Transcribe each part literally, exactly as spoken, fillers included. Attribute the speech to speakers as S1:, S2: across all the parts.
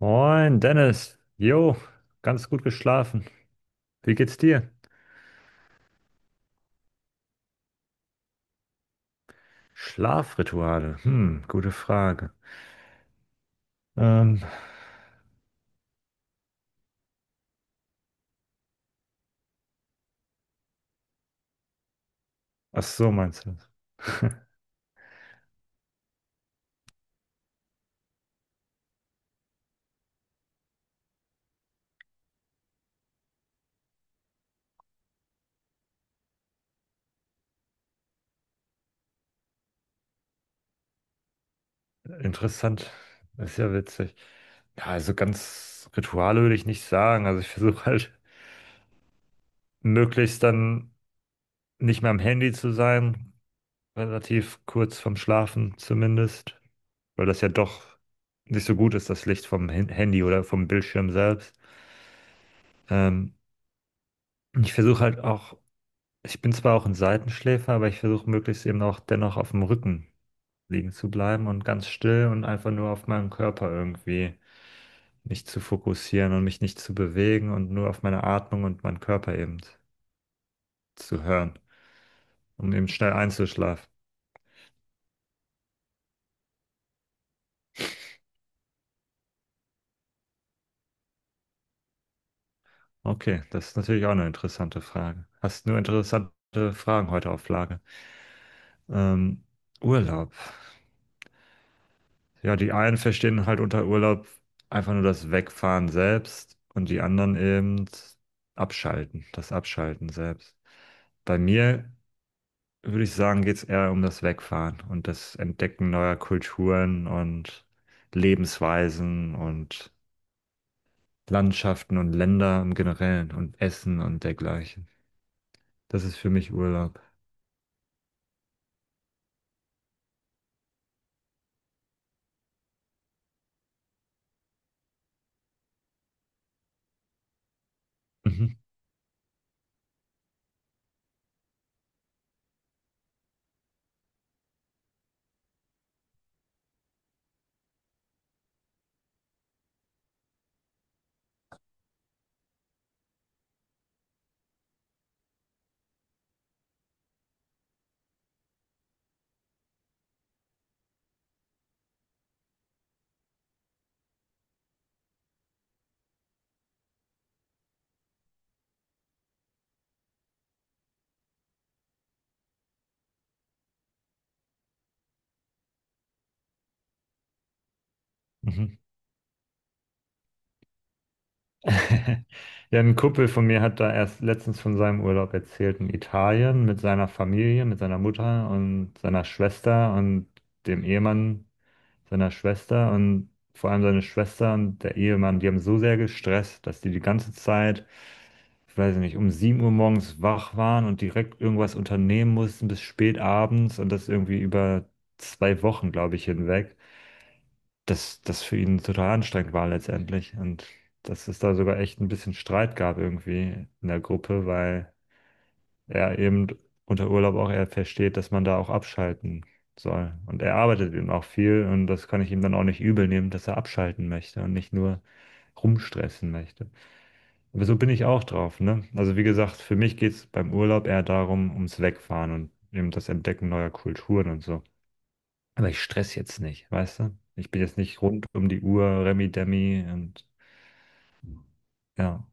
S1: Moin, Dennis. Jo, ganz gut geschlafen. Wie geht's dir? Schlafrituale. Hm, gute Frage. Ähm, ach so, meinst du? Interessant. Ist ja witzig. Ja, also ganz Rituale würde ich nicht sagen. Also ich versuche halt möglichst dann nicht mehr am Handy zu sein, relativ kurz vorm Schlafen zumindest, weil das ja doch nicht so gut ist, das Licht vom Hin- Handy oder vom Bildschirm selbst. Ähm, ich versuche halt auch. Ich bin zwar auch ein Seitenschläfer, aber ich versuche möglichst eben auch dennoch auf dem Rücken liegen zu bleiben und ganz still und einfach nur auf meinen Körper irgendwie mich zu fokussieren und mich nicht zu bewegen und nur auf meine Atmung und meinen Körper eben zu hören, um eben schnell einzuschlafen. Okay, das ist natürlich auch eine interessante Frage. Hast nur interessante Fragen heute auf Lage. Ähm, Urlaub. Ja, die einen verstehen halt unter Urlaub einfach nur das Wegfahren selbst und die anderen eben abschalten, das Abschalten selbst. Bei mir würde ich sagen, geht es eher um das Wegfahren und das Entdecken neuer Kulturen und Lebensweisen und Landschaften und Länder im Generellen und Essen und dergleichen. Das ist für mich Urlaub. Mhm. Mhm. Ja, ein Kumpel von mir hat da erst letztens von seinem Urlaub erzählt in Italien mit seiner Familie, mit seiner Mutter und seiner Schwester und dem Ehemann seiner Schwester, und vor allem seine Schwester und der Ehemann, die haben so sehr gestresst, dass die die ganze Zeit, ich weiß nicht, um sieben Uhr morgens wach waren und direkt irgendwas unternehmen mussten bis spät abends, und das irgendwie über zwei Wochen, glaube ich, hinweg, das, das für ihn total anstrengend war letztendlich. Und dass es da sogar echt ein bisschen Streit gab irgendwie in der Gruppe, weil er eben unter Urlaub auch eher versteht, dass man da auch abschalten soll. Und er arbeitet eben auch viel, und das kann ich ihm dann auch nicht übel nehmen, dass er abschalten möchte und nicht nur rumstressen möchte. Aber so bin ich auch drauf, ne? Also wie gesagt, für mich geht es beim Urlaub eher darum, ums Wegfahren und eben das Entdecken neuer Kulturen und so. Aber ich stress jetzt nicht, weißt du? Ich bin jetzt nicht rund um die Uhr, Remi Demi und ja.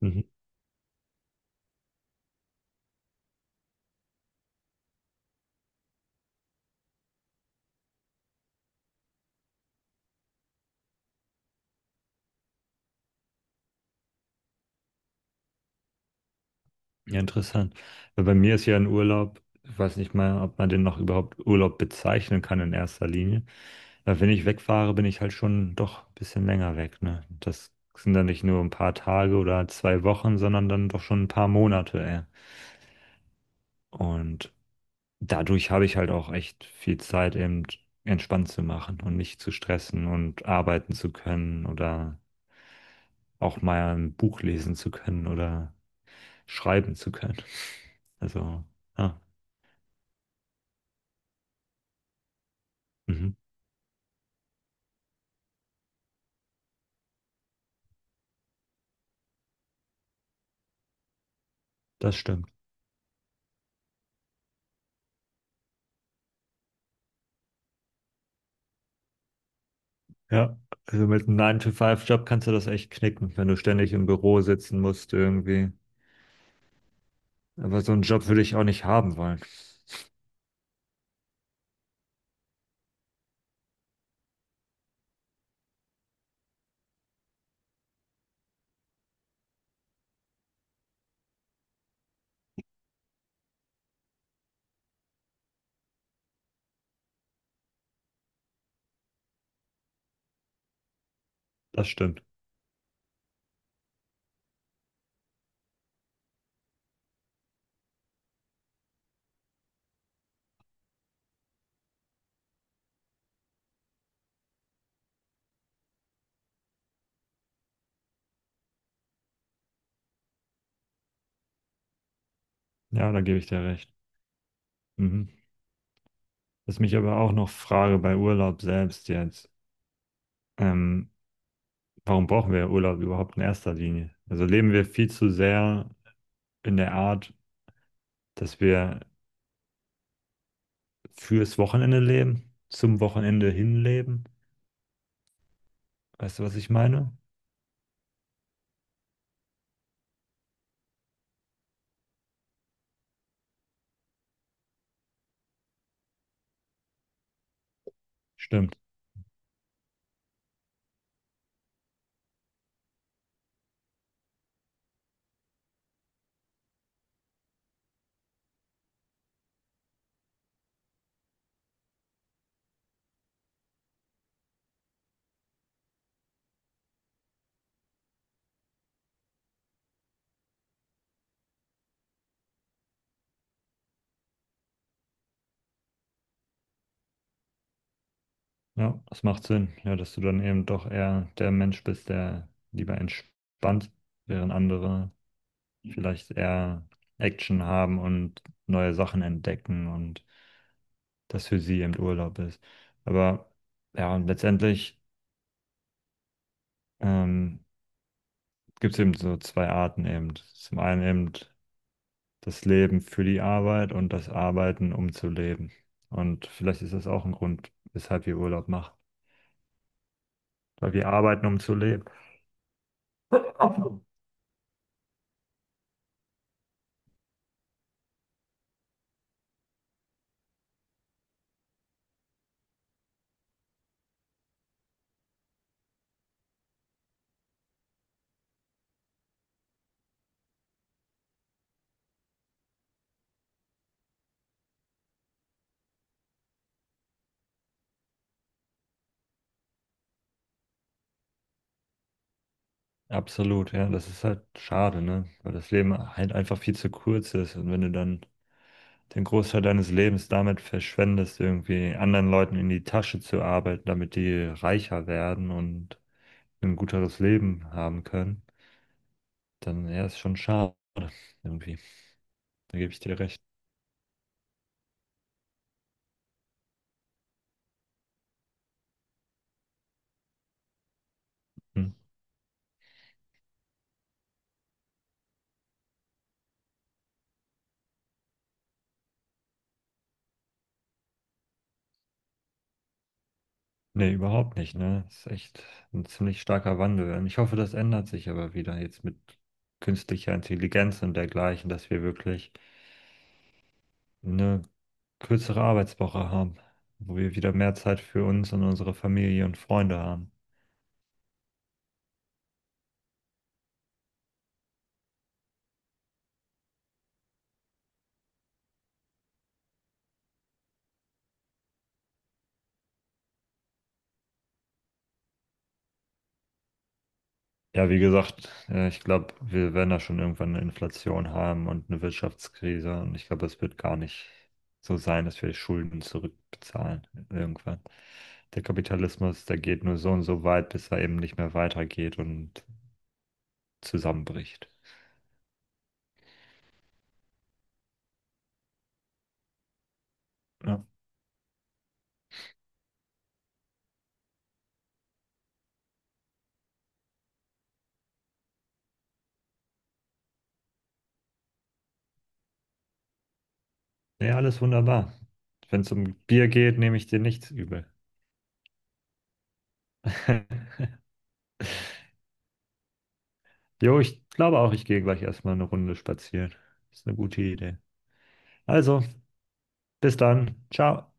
S1: Mhm. Ja, interessant. Weil bei mir ist ja ein Urlaub, ich weiß nicht mal, ob man den noch überhaupt Urlaub bezeichnen kann in erster Linie. Weil wenn ich wegfahre, bin ich halt schon doch ein bisschen länger weg, ne? Das sind dann nicht nur ein paar Tage oder zwei Wochen, sondern dann doch schon ein paar Monate, ey. Und dadurch habe ich halt auch echt viel Zeit, eben entspannt zu machen und nicht zu stressen und arbeiten zu können oder auch mal ein Buch lesen zu können oder schreiben zu können. Also, ja, mhm, das stimmt. Ja, also mit einem nine to five job kannst du das echt knicken, wenn du ständig im Büro sitzen musst irgendwie. Aber so einen Job würde ich auch nicht haben wollen. Das stimmt. Ja, da gebe ich dir recht. Mhm. Was mich aber auch noch frage bei Urlaub selbst jetzt. Ähm, Warum brauchen wir Urlaub überhaupt in erster Linie? Also leben wir viel zu sehr in der Art, dass wir fürs Wochenende leben, zum Wochenende hin. Weißt du, was ich meine? Stimmt. Ja, das macht Sinn. Ja, dass du dann eben doch eher der Mensch bist, der lieber entspannt, während andere vielleicht eher Action haben und neue Sachen entdecken, und das für sie eben Urlaub ist. Aber ja, und letztendlich ähm, gibt es eben so zwei Arten eben. Zum einen eben das Leben für die Arbeit und das Arbeiten, um zu leben. Und vielleicht ist das auch ein Grund, weshalb wir Urlaub machen. Weil wir arbeiten, um zu leben. Absolut, ja. Das ist halt schade, ne? Weil das Leben halt einfach viel zu kurz ist. Und wenn du dann den Großteil deines Lebens damit verschwendest, irgendwie anderen Leuten in die Tasche zu arbeiten, damit die reicher werden und ein guteres Leben haben können, dann ja, ist schon schade irgendwie. Da gebe ich dir recht. Hm. Nee, überhaupt nicht, ne? Das ist echt ein ziemlich starker Wandel. Und ich hoffe, das ändert sich aber wieder jetzt mit künstlicher Intelligenz und dergleichen, dass wir wirklich eine kürzere Arbeitswoche haben, wo wir wieder mehr Zeit für uns und unsere Familie und Freunde haben. Ja, wie gesagt, äh, ich glaube, wir werden da schon irgendwann eine Inflation haben und eine Wirtschaftskrise. Und ich glaube, es wird gar nicht so sein, dass wir Schulden zurückbezahlen irgendwann. Der Kapitalismus, der geht nur so und so weit, bis er eben nicht mehr weitergeht und zusammenbricht. Ja, nee, alles wunderbar. Wenn es um Bier geht, nehme ich dir nichts übel. Jo, ich glaube auch, ich gehe gleich erstmal eine Runde spazieren. Ist eine gute Idee. Also, bis dann. Ciao.